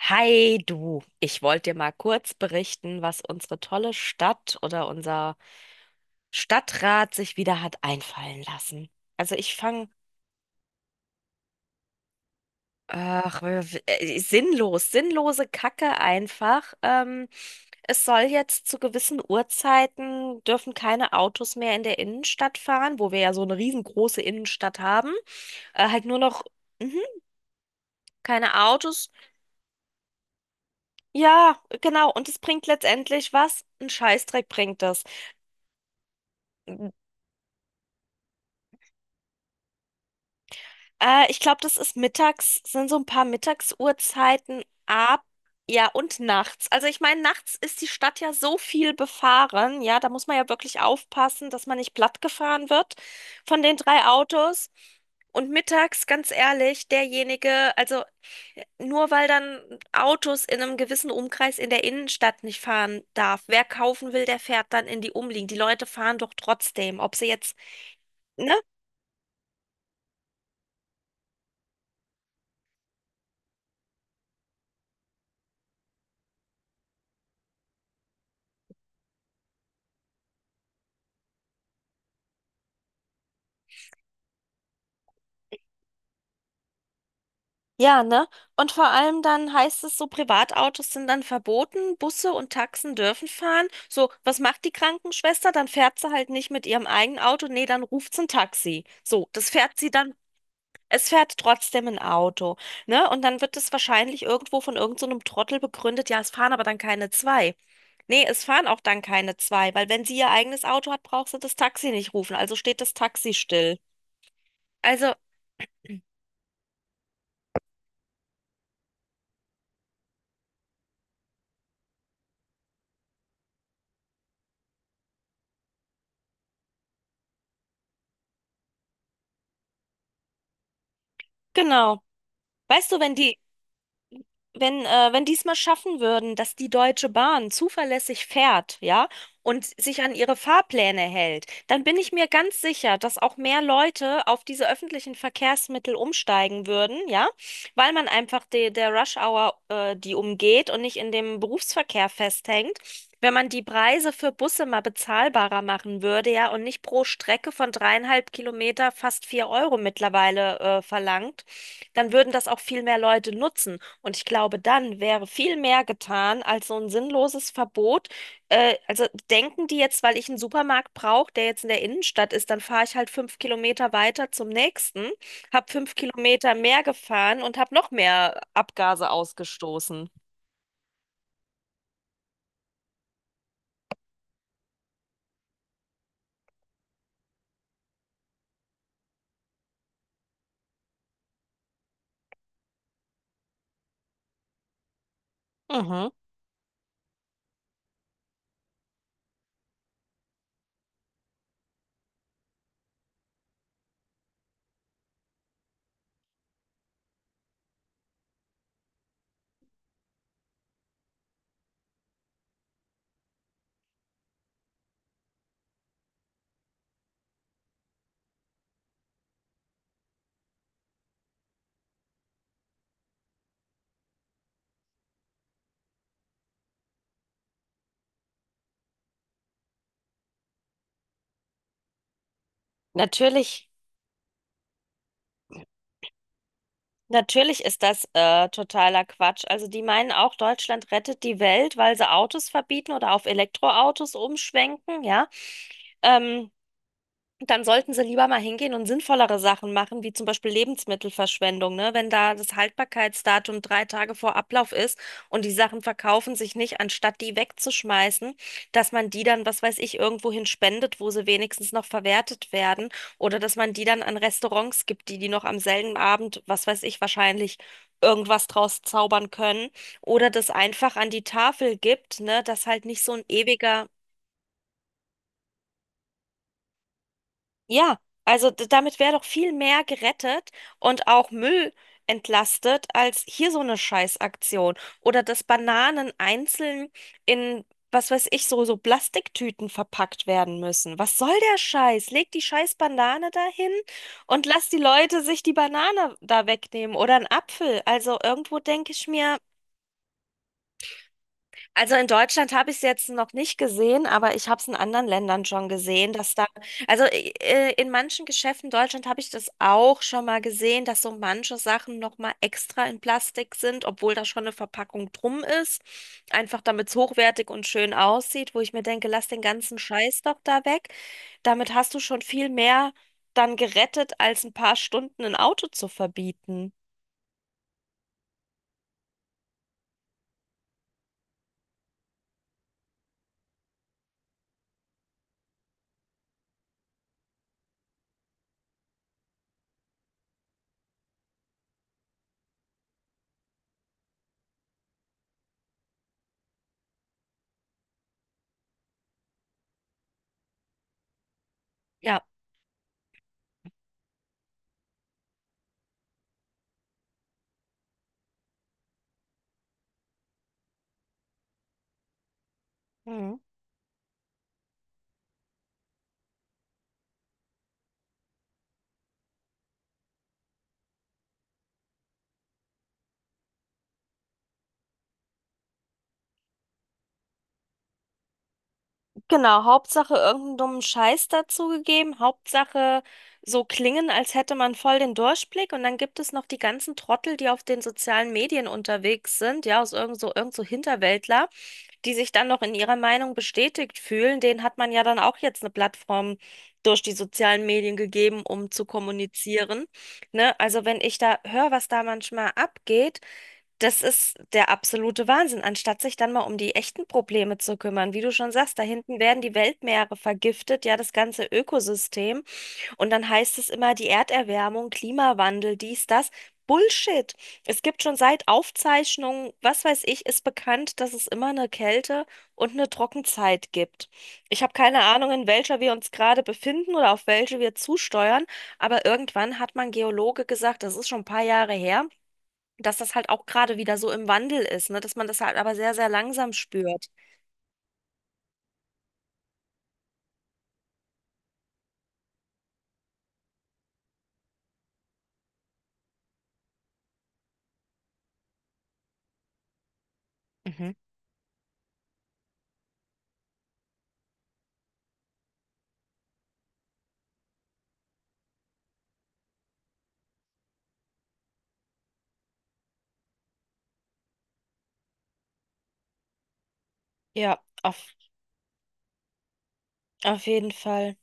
Hi du, ich wollte dir mal kurz berichten, was unsere tolle Stadt oder unser Stadtrat sich wieder hat einfallen lassen. Also ich fange, ach, sinnlose Kacke einfach. Es soll jetzt zu gewissen Uhrzeiten dürfen keine Autos mehr in der Innenstadt fahren, wo wir ja so eine riesengroße Innenstadt haben. Halt nur noch, mhm, keine Autos. Ja, genau. Und es bringt letztendlich was? Ein Scheißdreck bringt das. Ich glaube, das ist mittags, sind so ein paar Mittagsuhrzeiten ab, ja, und nachts. Also ich meine, nachts ist die Stadt ja so viel befahren, ja, da muss man ja wirklich aufpassen, dass man nicht plattgefahren wird von den drei Autos. Und mittags, ganz ehrlich, derjenige, also nur weil dann Autos in einem gewissen Umkreis in der Innenstadt nicht fahren darf, wer kaufen will, der fährt dann in die Umliegend. Die Leute fahren doch trotzdem, ob sie jetzt, ne? Ja, ne? Und vor allem dann heißt es so, Privatautos sind dann verboten, Busse und Taxen dürfen fahren. So, was macht die Krankenschwester? Dann fährt sie halt nicht mit ihrem eigenen Auto, nee, dann ruft sie ein Taxi. So, das fährt sie dann, es fährt trotzdem ein Auto, ne? Und dann wird es wahrscheinlich irgendwo von irgend so einem Trottel begründet, ja, es fahren aber dann keine zwei. Nee, es fahren auch dann keine zwei, weil wenn sie ihr eigenes Auto hat, braucht sie das Taxi nicht rufen, also steht das Taxi still. Also, genau. Weißt du, wenn die es mal schaffen würden, dass die Deutsche Bahn zuverlässig fährt, ja, und sich an ihre Fahrpläne hält, dann bin ich mir ganz sicher, dass auch mehr Leute auf diese öffentlichen Verkehrsmittel umsteigen würden, ja, weil man einfach der Rush Hour, die umgeht und nicht in dem Berufsverkehr festhängt. Wenn man die Preise für Busse mal bezahlbarer machen würde, ja, und nicht pro Strecke von 3,5 Kilometer fast 4 € mittlerweile, verlangt, dann würden das auch viel mehr Leute nutzen. Und ich glaube, dann wäre viel mehr getan als so ein sinnloses Verbot. Also denken die jetzt, weil ich einen Supermarkt brauche, der jetzt in der Innenstadt ist, dann fahre ich halt 5 Kilometer weiter zum nächsten, habe 5 Kilometer mehr gefahren und habe noch mehr Abgase ausgestoßen. Mhm. Natürlich, natürlich ist das totaler Quatsch. Also die meinen auch, Deutschland rettet die Welt, weil sie Autos verbieten oder auf Elektroautos umschwenken, ja. Ähm, Dann sollten sie lieber mal hingehen und sinnvollere Sachen machen, wie zum Beispiel Lebensmittelverschwendung, ne? Wenn da das Haltbarkeitsdatum 3 Tage vor Ablauf ist und die Sachen verkaufen sich nicht, anstatt die wegzuschmeißen, dass man die dann, was weiß ich, irgendwohin spendet, wo sie wenigstens noch verwertet werden oder dass man die dann an Restaurants gibt, die die noch am selben Abend, was weiß ich, wahrscheinlich irgendwas draus zaubern können oder das einfach an die Tafel gibt, ne? Dass halt nicht so ein ewiger. Ja, also damit wäre doch viel mehr gerettet und auch Müll entlastet als hier so eine Scheißaktion. Oder dass Bananen einzeln in, was weiß ich, so, so Plastiktüten verpackt werden müssen. Was soll der Scheiß? Leg die scheiß Banane dahin und lass die Leute sich die Banane da wegnehmen oder einen Apfel. Also irgendwo denke ich mir, also in Deutschland habe ich es jetzt noch nicht gesehen, aber ich habe es in anderen Ländern schon gesehen, dass da, also in manchen Geschäften in Deutschland habe ich das auch schon mal gesehen, dass so manche Sachen nochmal extra in Plastik sind, obwohl da schon eine Verpackung drum ist, einfach damit es hochwertig und schön aussieht, wo ich mir denke, lass den ganzen Scheiß doch da weg. Damit hast du schon viel mehr dann gerettet, als ein paar Stunden ein Auto zu verbieten. Ja. Mhm. Genau, Hauptsache irgendeinen dummen Scheiß dazugegeben. Hauptsache so klingen, als hätte man voll den Durchblick. Und dann gibt es noch die ganzen Trottel, die auf den sozialen Medien unterwegs sind, ja, aus irgend so Hinterwäldler, die sich dann noch in ihrer Meinung bestätigt fühlen. Denen hat man ja dann auch jetzt eine Plattform durch die sozialen Medien gegeben, um zu kommunizieren. Ne? Also wenn ich da höre, was da manchmal abgeht, das ist der absolute Wahnsinn, anstatt sich dann mal um die echten Probleme zu kümmern. Wie du schon sagst, da hinten werden die Weltmeere vergiftet, ja, das ganze Ökosystem. Und dann heißt es immer, die Erderwärmung, Klimawandel, dies, das. Bullshit. Es gibt schon seit Aufzeichnungen, was weiß ich, ist bekannt, dass es immer eine Kälte und eine Trockenzeit gibt. Ich habe keine Ahnung, in welcher wir uns gerade befinden oder auf welche wir zusteuern, aber irgendwann hat man Geologe gesagt, das ist schon ein paar Jahre her, dass das halt auch gerade wieder so im Wandel ist, ne? Dass man das halt aber sehr, sehr langsam spürt. Mhm. Ja, auf jeden Fall.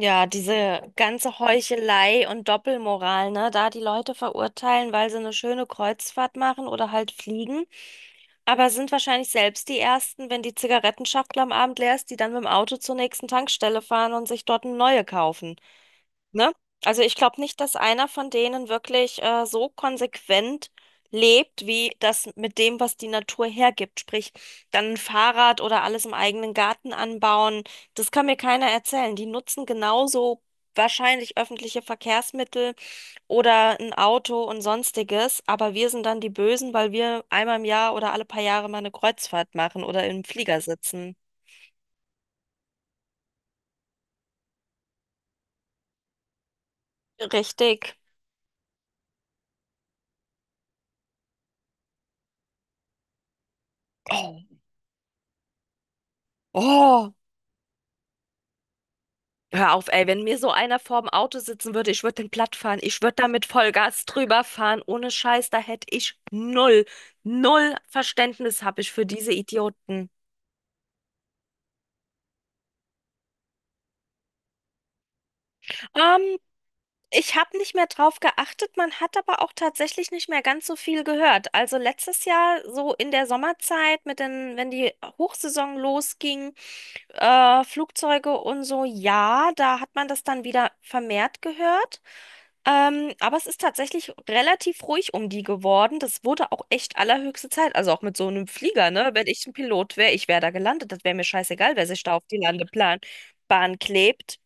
Ja, diese ganze Heuchelei und Doppelmoral, ne? Da die Leute verurteilen, weil sie eine schöne Kreuzfahrt machen oder halt fliegen. Aber sind wahrscheinlich selbst die Ersten, wenn die Zigarettenschachtel am Abend leer ist, die dann mit dem Auto zur nächsten Tankstelle fahren und sich dort eine neue kaufen. Ne? Also ich glaube nicht, dass einer von denen wirklich so konsequent lebt, wie das mit dem, was die Natur hergibt. Sprich, dann ein Fahrrad oder alles im eigenen Garten anbauen. Das kann mir keiner erzählen. Die nutzen genauso wahrscheinlich öffentliche Verkehrsmittel oder ein Auto und sonstiges. Aber wir sind dann die Bösen, weil wir einmal im Jahr oder alle paar Jahre mal eine Kreuzfahrt machen oder im Flieger sitzen. Richtig. Oh. Oh. Hör auf, ey, wenn mir so einer vorm Auto sitzen würde, ich würde den platt fahren. Ich würde da mit Vollgas drüber fahren. Ohne Scheiß, da hätte ich null, null Verständnis habe ich für diese Idioten. Ähm, Ich habe nicht mehr drauf geachtet. Man hat aber auch tatsächlich nicht mehr ganz so viel gehört. Also letztes Jahr so in der Sommerzeit mit den, wenn die Hochsaison losging, Flugzeuge und so, ja, da hat man das dann wieder vermehrt gehört. Aber es ist tatsächlich relativ ruhig um die geworden. Das wurde auch echt allerhöchste Zeit. Also auch mit so einem Flieger, ne? Wenn ich ein Pilot wäre, ich wäre da gelandet. Das wäre mir scheißegal, wer sich da auf die Landeplan Bahn klebt.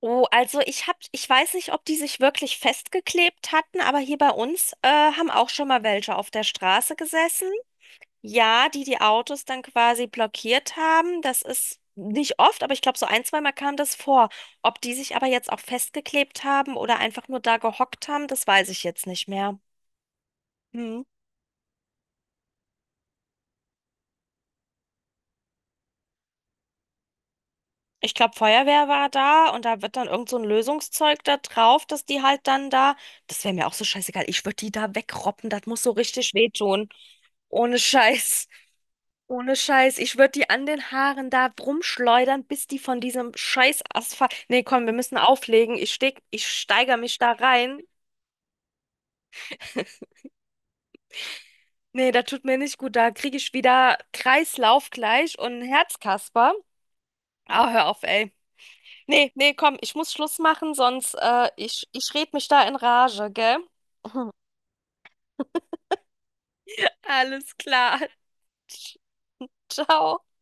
Oh, also ich hab, ich weiß nicht, ob die sich wirklich festgeklebt hatten, aber hier bei uns haben auch schon mal welche auf der Straße gesessen. Ja, die die Autos dann quasi blockiert haben, das ist nicht oft, aber ich glaube, so ein, zweimal kam das vor. Ob die sich aber jetzt auch festgeklebt haben oder einfach nur da gehockt haben, das weiß ich jetzt nicht mehr. Hm. Ich glaube, Feuerwehr war da und da wird dann irgend so ein Lösungszeug da drauf, dass die halt dann da, das wäre mir auch so scheißegal, ich würde die da wegroppen, das muss so richtig wehtun. Ohne Scheiß. Ohne Scheiß, ich würde die an den Haaren da rumschleudern, bis die von diesem scheiß Asphalt. Nee, komm, wir müssen auflegen. Ich steigere mich da rein. Nee, da tut mir nicht gut. Da kriege ich wieder Kreislauf gleich und einen Herzkasper. Ah, hör auf, ey. Nee, nee, komm, ich muss Schluss machen, sonst ich red mich da in Rage, gell? Alles klar. Ciao.